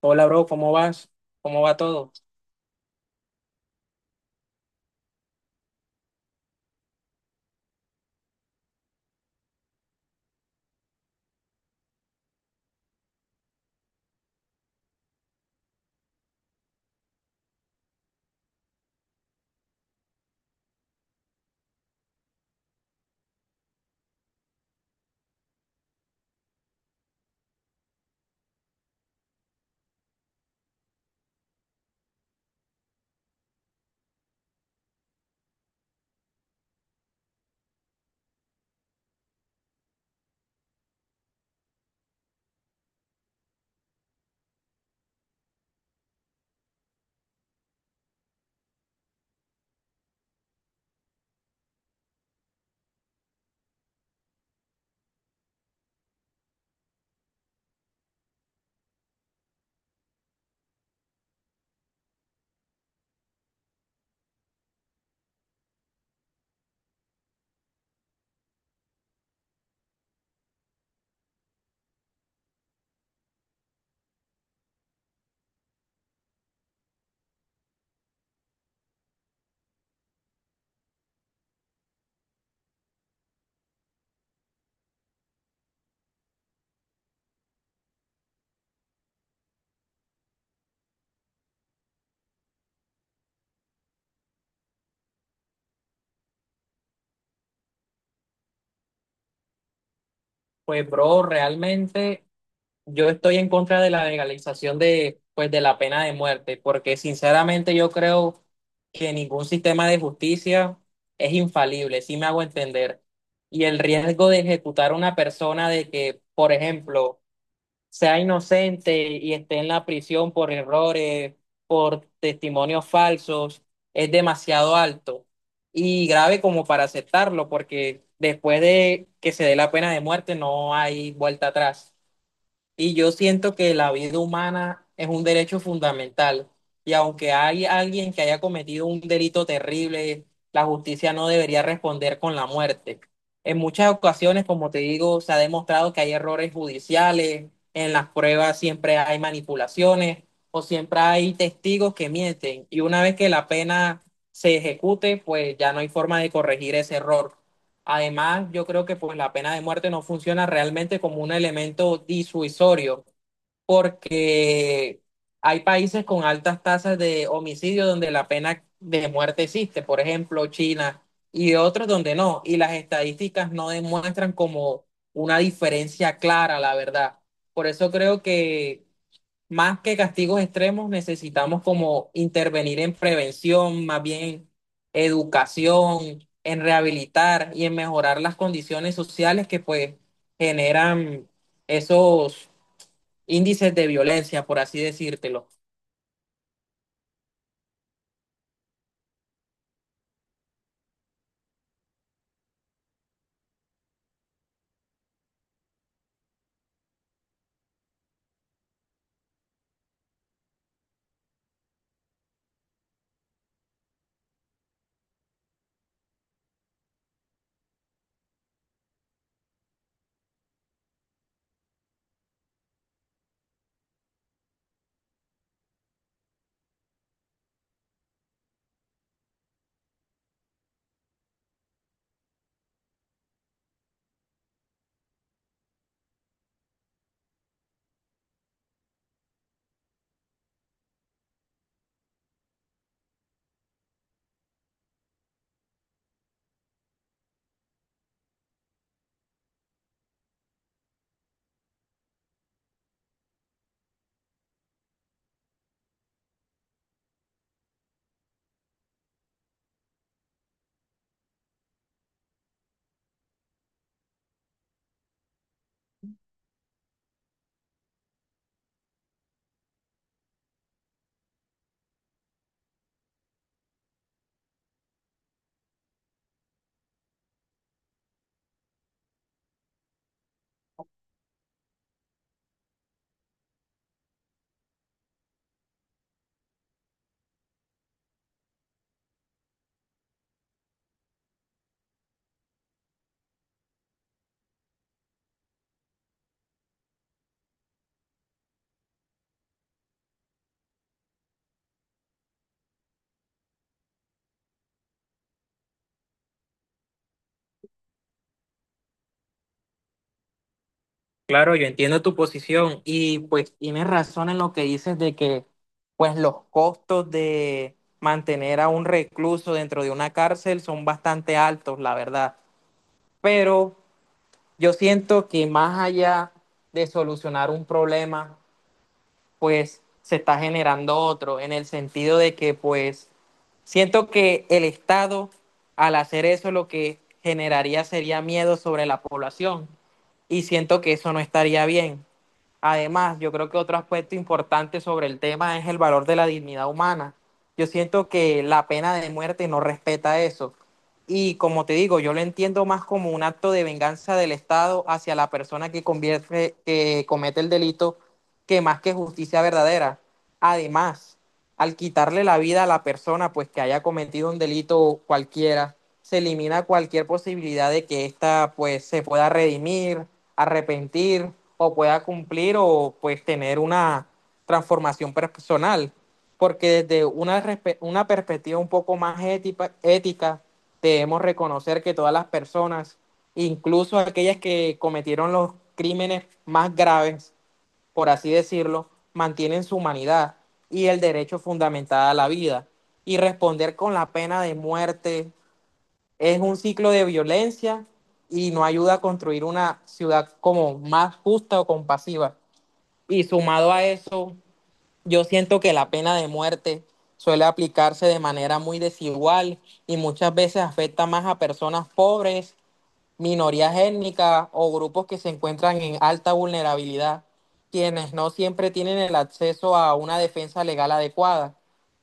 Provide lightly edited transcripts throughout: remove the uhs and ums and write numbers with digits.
Hola, bro, ¿cómo vas? ¿Cómo va todo? Pues, bro, realmente yo estoy en contra de la legalización de, pues, de la pena de muerte, porque sinceramente yo creo que ningún sistema de justicia es infalible, si me hago entender. Y el riesgo de ejecutar a una persona de que, por ejemplo, sea inocente y esté en la prisión por errores, por testimonios falsos, es demasiado alto y grave como para aceptarlo, porque después de que se dé la pena de muerte no hay vuelta atrás. Y yo siento que la vida humana es un derecho fundamental. Y aunque hay alguien que haya cometido un delito terrible, la justicia no debería responder con la muerte. En muchas ocasiones, como te digo, se ha demostrado que hay errores judiciales, en las pruebas siempre hay manipulaciones o siempre hay testigos que mienten. Y una vez que la pena se ejecute, pues ya no hay forma de corregir ese error. Además, yo creo que pues la pena de muerte no funciona realmente como un elemento disuasorio, porque hay países con altas tasas de homicidio donde la pena de muerte existe, por ejemplo, China y otros donde no, y las estadísticas no demuestran como una diferencia clara, la verdad. Por eso creo que más que castigos extremos, necesitamos como intervenir en prevención, más bien educación, en rehabilitar y en mejorar las condiciones sociales que pues generan esos índices de violencia, por así decírtelo. Claro, yo entiendo tu posición y pues tienes razón en lo que dices de que pues los costos de mantener a un recluso dentro de una cárcel son bastante altos, la verdad. Pero yo siento que más allá de solucionar un problema, pues se está generando otro, en el sentido de que pues siento que el Estado al hacer eso lo que generaría sería miedo sobre la población y siento que eso no estaría bien. Además, yo creo que otro aspecto importante sobre el tema es el valor de la dignidad humana. Yo siento que la pena de muerte no respeta eso. Y como te digo, yo lo entiendo más como un acto de venganza del Estado hacia la persona que convierte, que comete el delito, que más que justicia verdadera. Además, al quitarle la vida a la persona pues que haya cometido un delito cualquiera, se elimina cualquier posibilidad de que ésta pues se pueda redimir, arrepentir o pueda cumplir o pues tener una transformación personal, porque desde una perspectiva un poco más ética debemos reconocer que todas las personas, incluso aquellas que cometieron los crímenes más graves, por así decirlo, mantienen su humanidad y el derecho fundamental a la vida. Y responder con la pena de muerte es un ciclo de violencia y no ayuda a construir una ciudad como más justa o compasiva. Y sumado a eso, yo siento que la pena de muerte suele aplicarse de manera muy desigual y muchas veces afecta más a personas pobres, minorías étnicas o grupos que se encuentran en alta vulnerabilidad, quienes no siempre tienen el acceso a una defensa legal adecuada.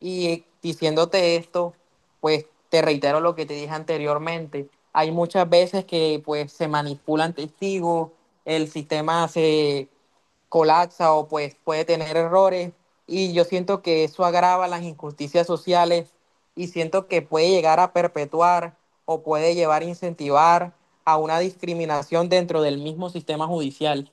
Y diciéndote esto, pues te reitero lo que te dije anteriormente. Hay muchas veces que pues se manipulan testigos, el sistema se colapsa o pues puede tener errores y yo siento que eso agrava las injusticias sociales y siento que puede llegar a perpetuar o puede llevar a incentivar a una discriminación dentro del mismo sistema judicial.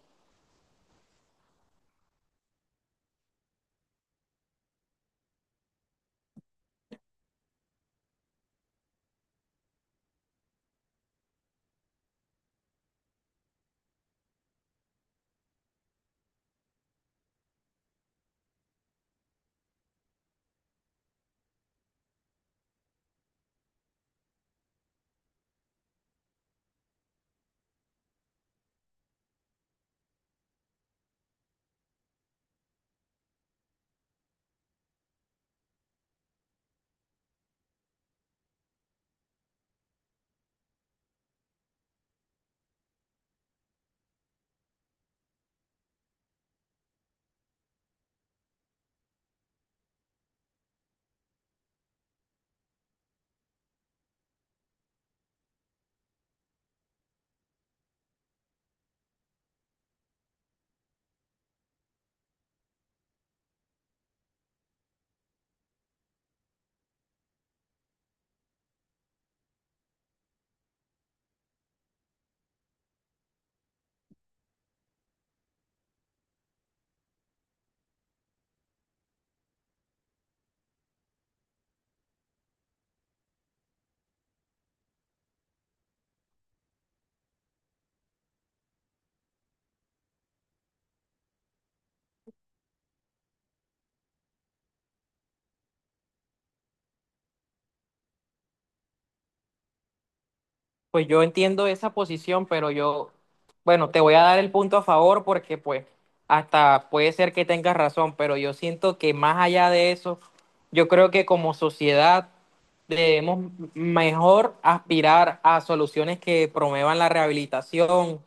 Pues yo entiendo esa posición, pero yo, bueno, te voy a dar el punto a favor porque pues hasta puede ser que tengas razón, pero yo siento que más allá de eso, yo creo que como sociedad debemos mejor aspirar a soluciones que promuevan la rehabilitación,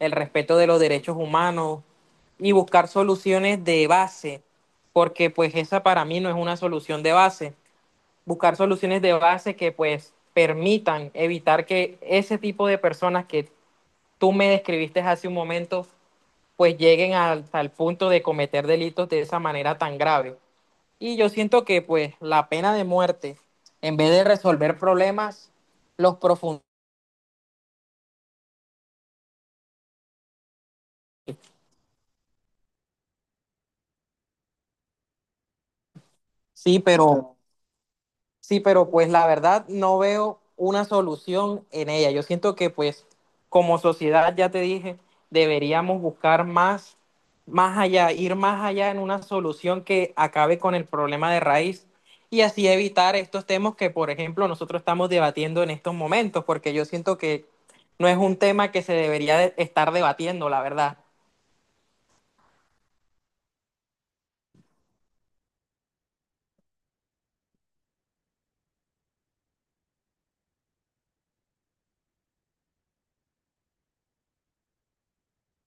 el respeto de los derechos humanos y buscar soluciones de base, porque pues esa para mí no es una solución de base. Buscar soluciones de base que pues permitan evitar que ese tipo de personas que tú me describiste hace un momento pues lleguen hasta el punto de cometer delitos de esa manera tan grave. Y yo siento que pues la pena de muerte, en vez de resolver problemas, los profundiza. Sí, pero sí, pero pues la verdad no veo una solución en ella. Yo siento que pues como sociedad, ya te dije, deberíamos buscar más, más allá, ir más allá en una solución que acabe con el problema de raíz y así evitar estos temas que, por ejemplo, nosotros estamos debatiendo en estos momentos, porque yo siento que no es un tema que se debería de- estar debatiendo, la verdad.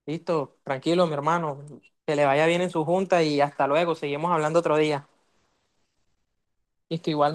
Listo, tranquilo, mi hermano. Que le vaya bien en su junta y hasta luego. Seguimos hablando otro día. Listo, igual.